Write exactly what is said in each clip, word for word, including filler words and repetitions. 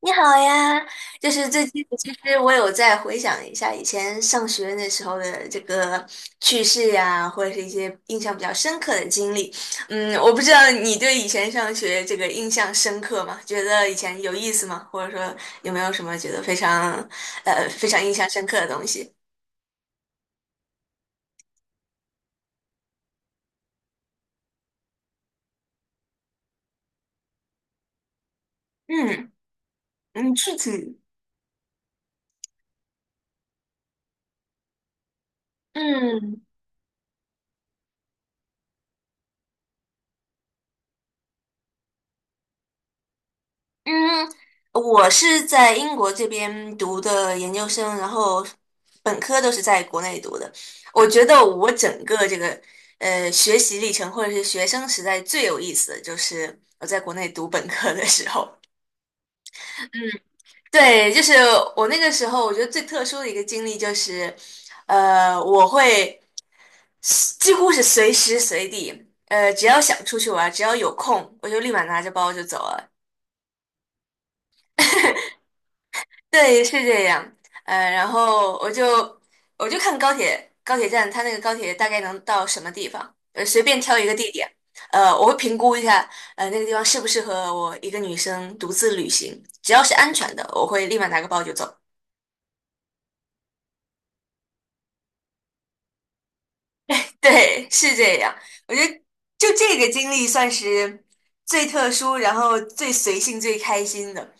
你好呀，就是最近其实我有在回想一下以前上学那时候的这个趣事呀，或者是一些印象比较深刻的经历。嗯，我不知道你对以前上学这个印象深刻吗？觉得以前有意思吗？或者说有没有什么觉得非常呃非常印象深刻的东西？嗯嗯，具体嗯。嗯，我是在英国这边读的研究生，然后本科都是在国内读的。我觉得我整个这个呃学习历程或者是学生时代最有意思的就是我在国内读本科的时候。嗯，对，就是我那个时候，我觉得最特殊的一个经历就是，呃，我会几乎是随时随地，呃，只要想出去玩，只要有空，我就立马拿着包就走了。对，是这样。呃，然后我就我就看高铁高铁站，它那个高铁大概能到什么地方，呃，随便挑一个地点，呃，我会评估一下，呃，那个地方适不适合我一个女生独自旅行。只要是安全的，我会立马拿个包就走。对，是这样。我觉得就这个经历算是最特殊，然后最随性、最开心的。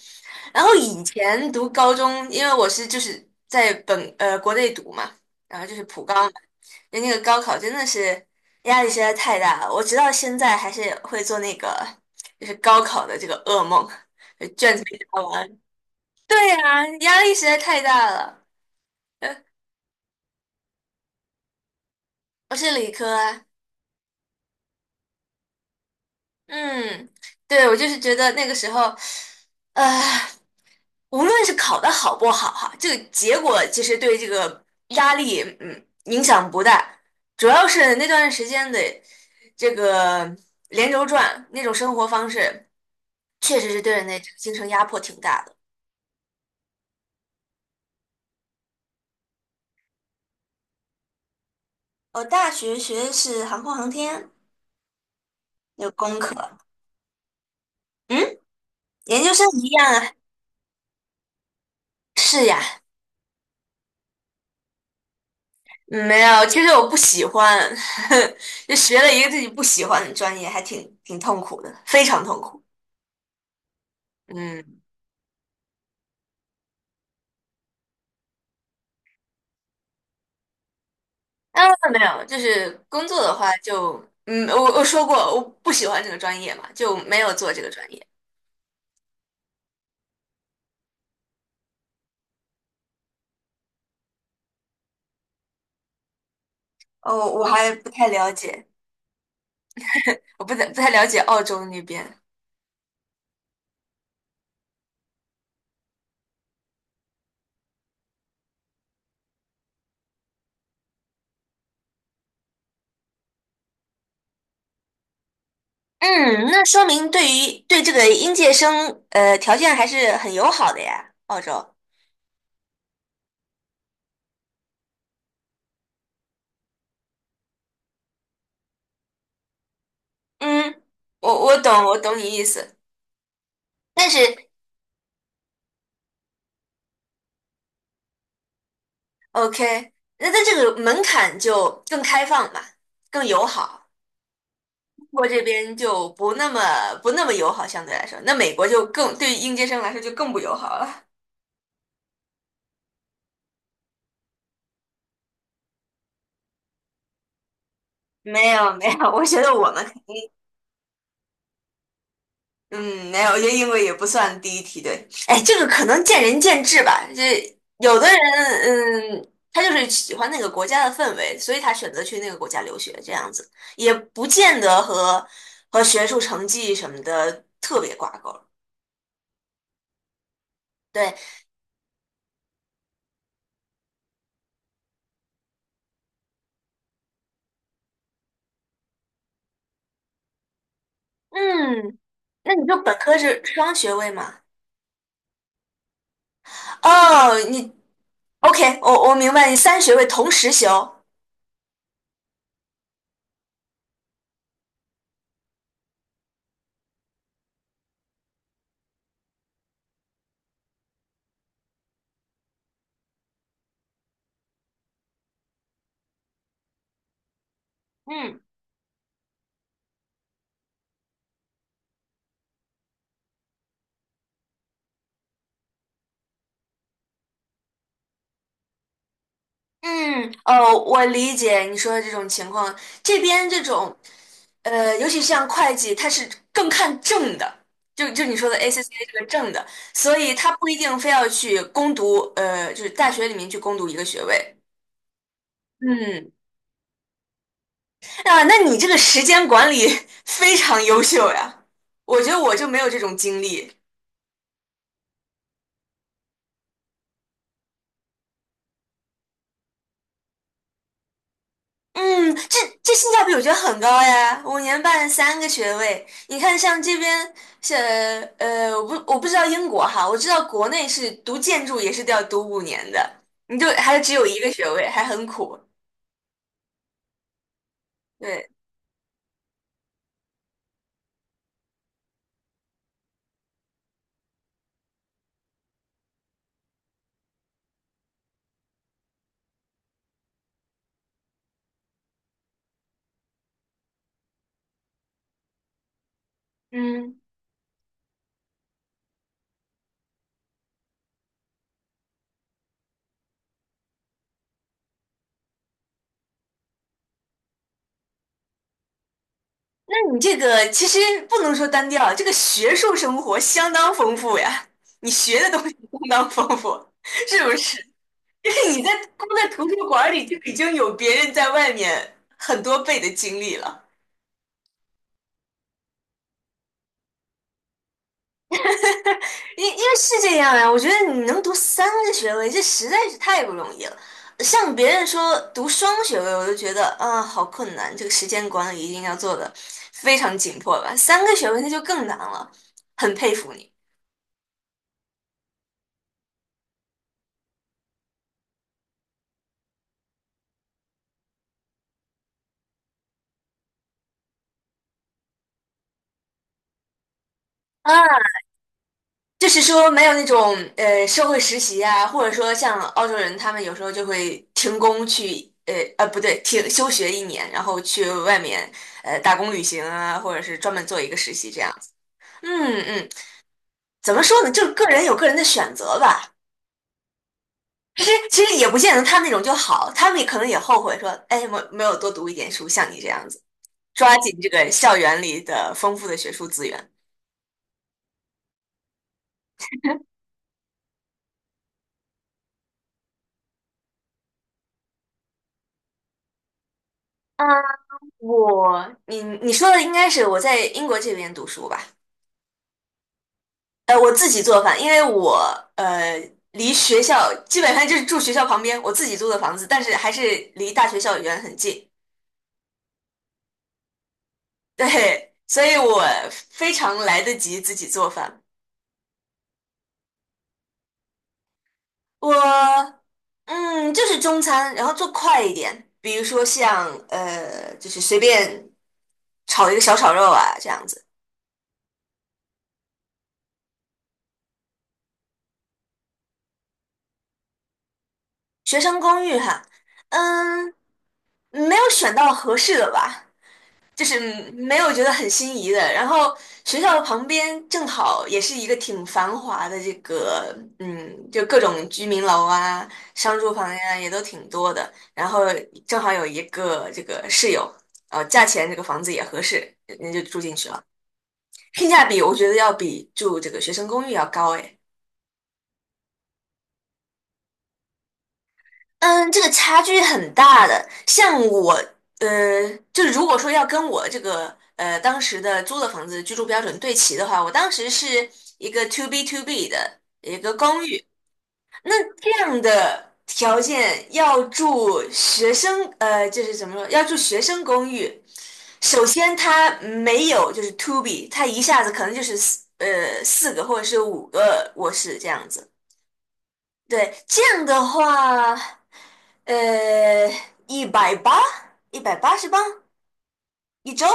然后以前读高中，因为我是就是在本呃国内读嘛，然后就是普高嘛，就那个高考真的是压力实在太大了，我直到现在还是会做那个就是高考的这个噩梦，就卷子没答完。对呀，压力实在太大了。呃，我是理科啊，嗯，对，我就是觉得那个时候，呃。无论是考得好不好哈，这个结果其实对这个压力嗯影响不大，主要是那段时间的这个连轴转那种生活方式，确实是对人的这个精神压迫挺大的。我大学学的是航空航天，有工科，嗯，研究生一样啊，是呀，嗯没有，其实我不喜欢，就学了一个自己不喜欢的专业，还挺挺痛苦的，非常痛苦。嗯。啊，没有，就是工作的话就，嗯，我我说过我不喜欢这个专业嘛，就没有做这个专业。哦，我还不太了解，我不太不太了解澳洲那边。嗯，那说明对于对这个应届生，呃，条件还是很友好的呀，澳洲。嗯，我我懂，我懂你意思。但是，OK，那它这个门槛就更开放嘛，更友好。中国这边就不那么不那么友好，相对来说，那美国就更对于应届生来说就更不友好了。没有没有，我觉得我们嗯没有，我觉得英国也不算第一梯队。哎，这个可能见仁见智吧。这有的人嗯，他就是喜欢那个国家的氛围，所以他选择去那个国家留学，这样子也不见得和和学术成绩什么的特别挂钩。对，嗯，那你就本科是双学位嘛？哦，你。OK，我我明白你三学位同时修。嗯，嗯，哦，我理解你说的这种情况。这边这种，呃，尤其像会计，它是更看证的，就就你说的 A C C A 这个证的，所以他不一定非要去攻读，呃，就是大学里面去攻读一个学位。嗯，啊，那你这个时间管理 非常优秀呀，我觉得我就没有这种经历。嗯，这这性价比我觉得很高呀，五年半三个学位。你看，像这边，像呃，我不我不知道英国哈，我知道国内是读建筑也是都要读五年的，你就还只有一个学位，还很苦。对，嗯，那你这个其实不能说单调，这个学术生活相当丰富呀，你学的东西相当丰富，是不是？就是你在光在图书馆里就已经有别人在外面很多倍的经历了。因因为是这样呀，我觉得你能读三个学位，这实在是太不容易了。呃像别人说读双学位，我就觉得啊，好困难，这个时间管理一定要做的非常紧迫吧。三个学位那就更难了，很佩服你。啊，就是说没有那种呃社会实习啊，或者说像澳洲人，他们有时候就会停工去呃呃不对，停休学一年，然后去外面呃打工旅行啊，或者是专门做一个实习这样子。嗯嗯，怎么说呢？就是个人有个人的选择吧。其实其实也不见得他那种就好，他们也可能也后悔说，哎，没没有多读一点书，像你这样子，抓紧这个校园里的丰富的学术资源。嗯，我你你说的应该是我在英国这边读书吧？呃，我自己做饭，因为我呃离学校基本上就是住学校旁边，我自己租的房子，但是还是离大学校园很近，对，所以我非常来得及自己做饭。我嗯，就是中餐，然后做快一点，比如说像呃，就是随便炒一个小炒肉啊这样子。学生公寓哈，嗯，没有选到合适的吧。就是没有觉得很心仪的。然后学校旁边正好也是一个挺繁华的这个，嗯，就各种居民楼啊、商住房呀、也都挺多的。然后正好有一个这个室友，呃，价钱这个房子也合适，人家就住进去了，性价比我觉得要比住这个学生公寓要高诶。嗯，这个差距很大的。像我，呃，就如果说要跟我这个呃当时的租的房子居住标准对齐的话，我当时是一个 to B to B 的一个公寓。那这样的条件要住学生，呃，就是怎么说，要住学生公寓，首先它没有就是 to B，它一下子可能就是四呃四个或者是五个卧室这样子。对，这样的话，呃，一百八，一百八十磅一周。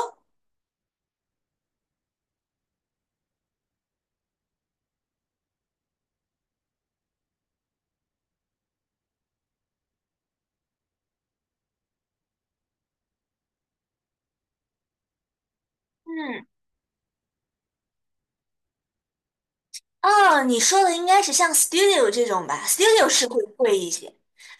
嗯，啊，你说的应该是像 studio 这种吧？studio 是会贵一些。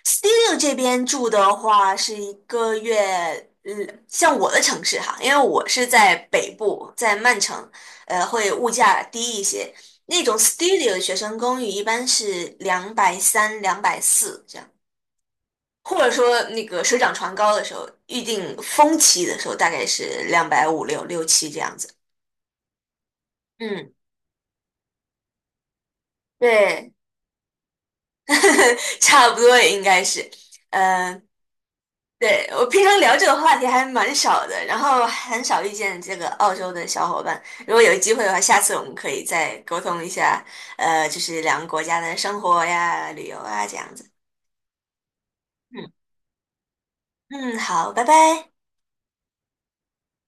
studio 这边住的话是一个月，嗯，像我的城市哈，因为我是在北部，在曼城，呃，会物价低一些。那种 studio 的学生公寓一般是两百三、两百四或者说那个水涨船高的时候，预定峰期的时候大概是两百五六六七这样子。嗯，对，差不多也应该是。嗯、对，我平常聊这个话题还蛮少的，然后很少遇见这个澳洲的小伙伴。如果有机会的话，下次我们可以再沟通一下，呃，就是两个国家的生活呀、旅游啊这样子。嗯嗯，好，拜拜。